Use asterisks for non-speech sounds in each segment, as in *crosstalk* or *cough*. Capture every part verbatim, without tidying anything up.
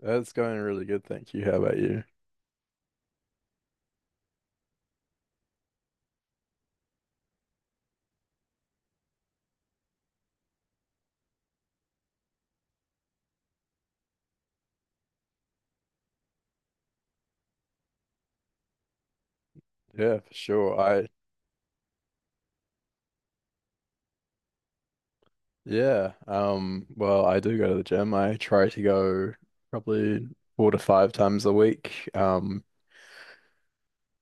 That's going really good, thank you. How about you? Yeah, for sure. I yeah, um, well, I do go to the gym. I try to go probably four to five times a week. Um,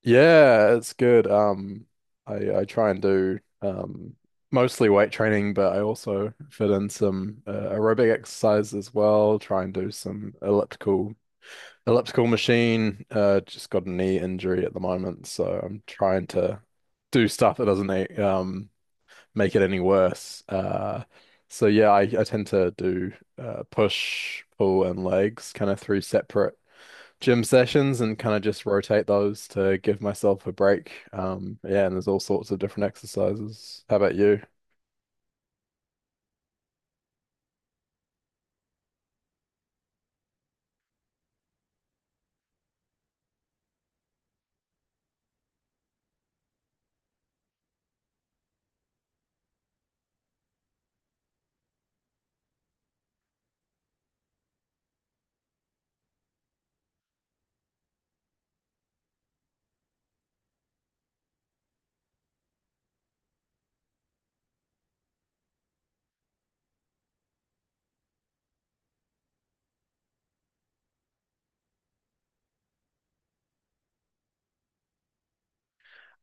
Yeah, it's good. Um, I I try and do um mostly weight training, but I also fit in some uh, aerobic exercise as well. Try and do some elliptical elliptical machine. Uh, just got a knee injury at the moment, so I'm trying to do stuff that doesn't um make it any worse. Uh, so yeah, I, I tend to do uh, push, pull, and legs kind of through separate gym sessions and kind of just rotate those to give myself a break. Um, yeah, and there's all sorts of different exercises. How about you?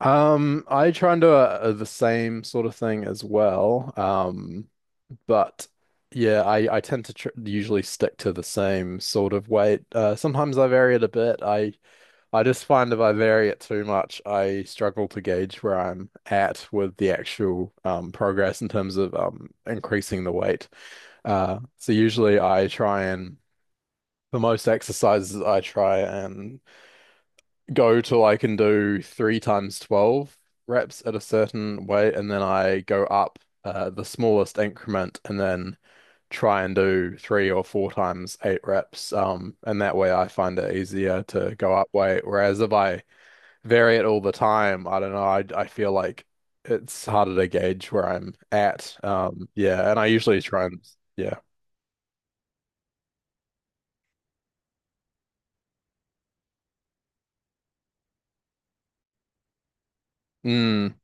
Um, I try and do a, a- the same sort of thing as well. Um, but yeah, I, I tend to tr usually stick to the same sort of weight. Uh, sometimes I vary it a bit. I I just find if I vary it too much, I struggle to gauge where I'm at with the actual um, progress in terms of um, increasing the weight. Uh, so usually I try and for most exercises I try and go till I can do three times twelve reps at a certain weight, and then I go up uh, the smallest increment and then try and do three or four times eight reps. Um, and that way I find it easier to go up weight. Whereas if I vary it all the time. I don't know. I I feel like it's harder to gauge where I'm at. Um, yeah, and I usually try and yeah. Mm,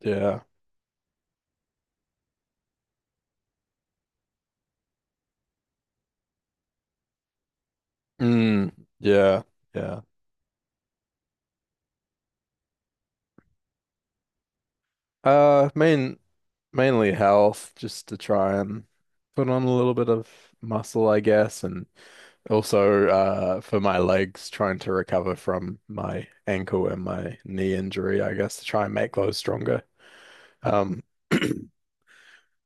yeah. Mm, yeah. Yeah. Uh, main Mainly health, just to try and put on a little bit of muscle, I guess, and also uh for my legs, trying to recover from my ankle and my knee injury, I guess, to try and make those stronger. Um. *clears throat*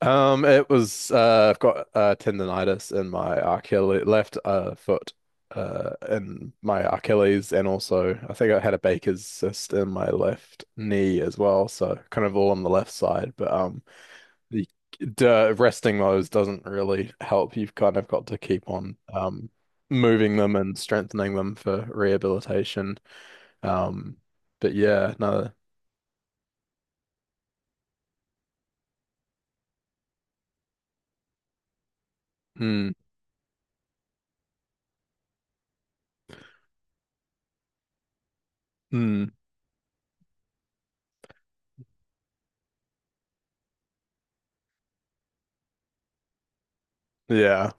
Um, it was uh, I've got uh, tendonitis in my Achilles left uh, foot, uh, in my Achilles, and also I think I had a Baker's cyst in my left knee as well. So kind of all on the left side, but um, the the resting those doesn't really help. You've kind of got to keep on um moving them and strengthening them for rehabilitation. Um, but yeah, no, mm, mm, yeah.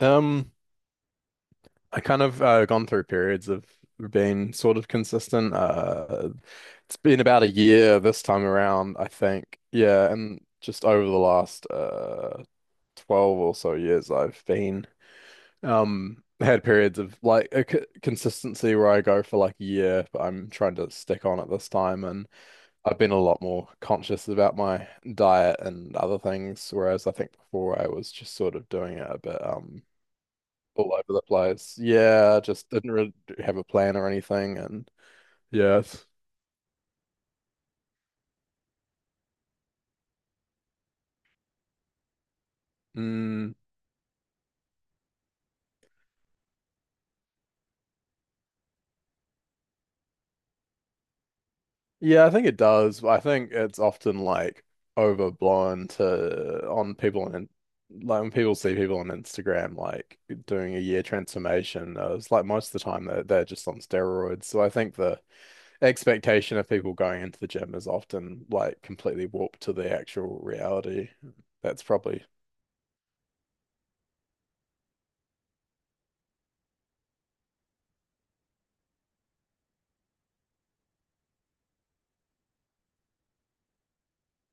Um. I kind of uh, gone through periods of being sort of consistent. Uh, it's been about a year this time around, I think. Yeah, and just over the last uh twelve or so years, I've been um had periods of like a c consistency where I go for like a year, but I'm trying to stick on it this time, and I've been a lot more conscious about my diet and other things, whereas I think before I was just sort of doing it a bit um all over the place. Yeah, just didn't really have a plan or anything. And yes, mm, yeah, I think it does. I think it's often like overblown to on people and like when people see people on Instagram like doing a year transformation, uh, it's like most of the time they're, they're just on steroids. So I think the expectation of people going into the gym is often like completely warped to the actual reality. That's probably,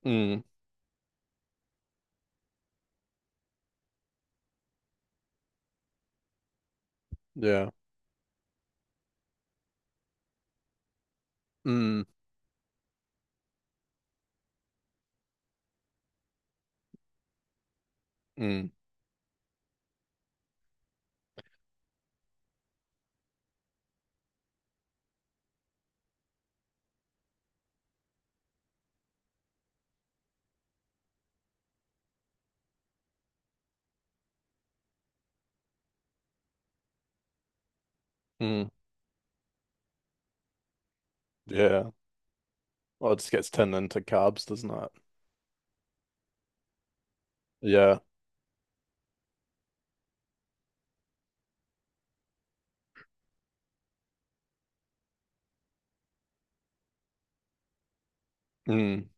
mm, yeah, mm, mm, mm, yeah. Well, it just gets turned into carbs, doesn't it? Yeah. Mm,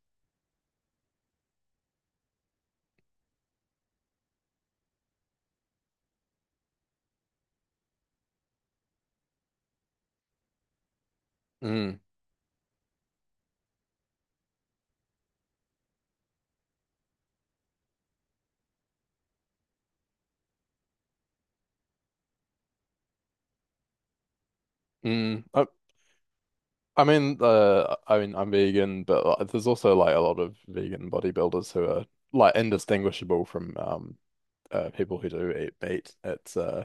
mm, mm. I, I mean, uh, I mean, I'm vegan, but like, there's also like a lot of vegan bodybuilders who are like indistinguishable from um uh, people who do eat meat. It's uh,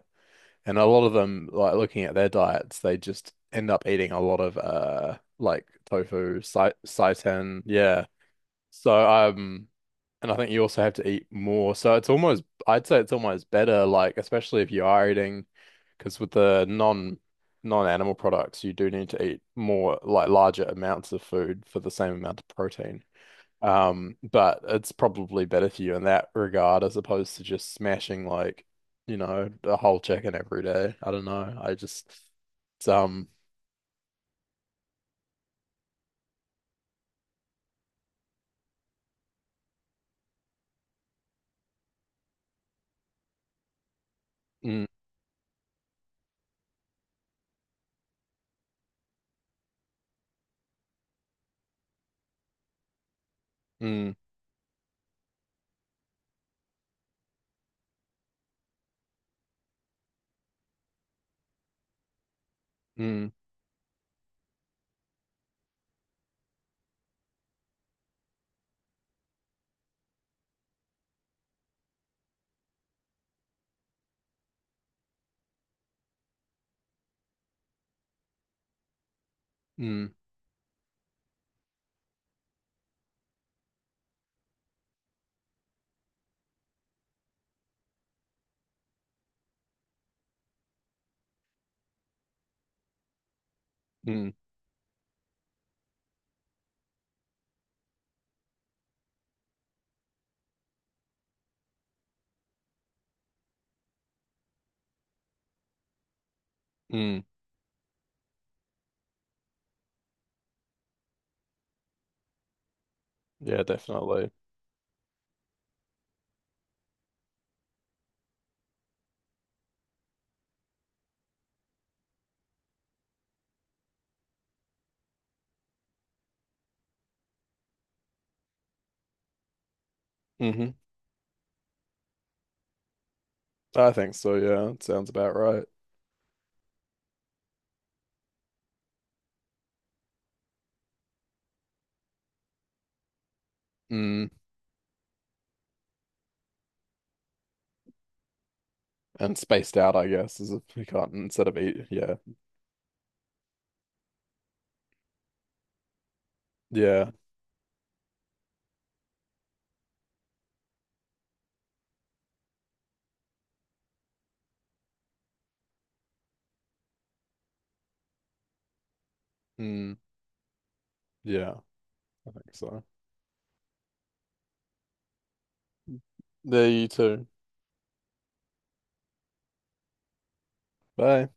and a lot of them like looking at their diets, they just end up eating a lot of uh like tofu, sai seitan, yeah. So um. And I think you also have to eat more. So it's almost, I'd say it's almost better, like, especially if you are eating, because with the non non-animal products, you do need to eat more, like larger amounts of food for the same amount of protein. Um, but it's probably better for you in that regard as opposed to just smashing like, you know, a whole chicken every day. I don't know. I just, it's, um, Mm, mm, mm, mm, mm, mm. Yeah, definitely. Hmm. I think so. Yeah, it sounds about right. Mm, and spaced out, I guess, is if you can't instead of eat. Yeah. Yeah. Mm, yeah. I think so. There you too. Bye.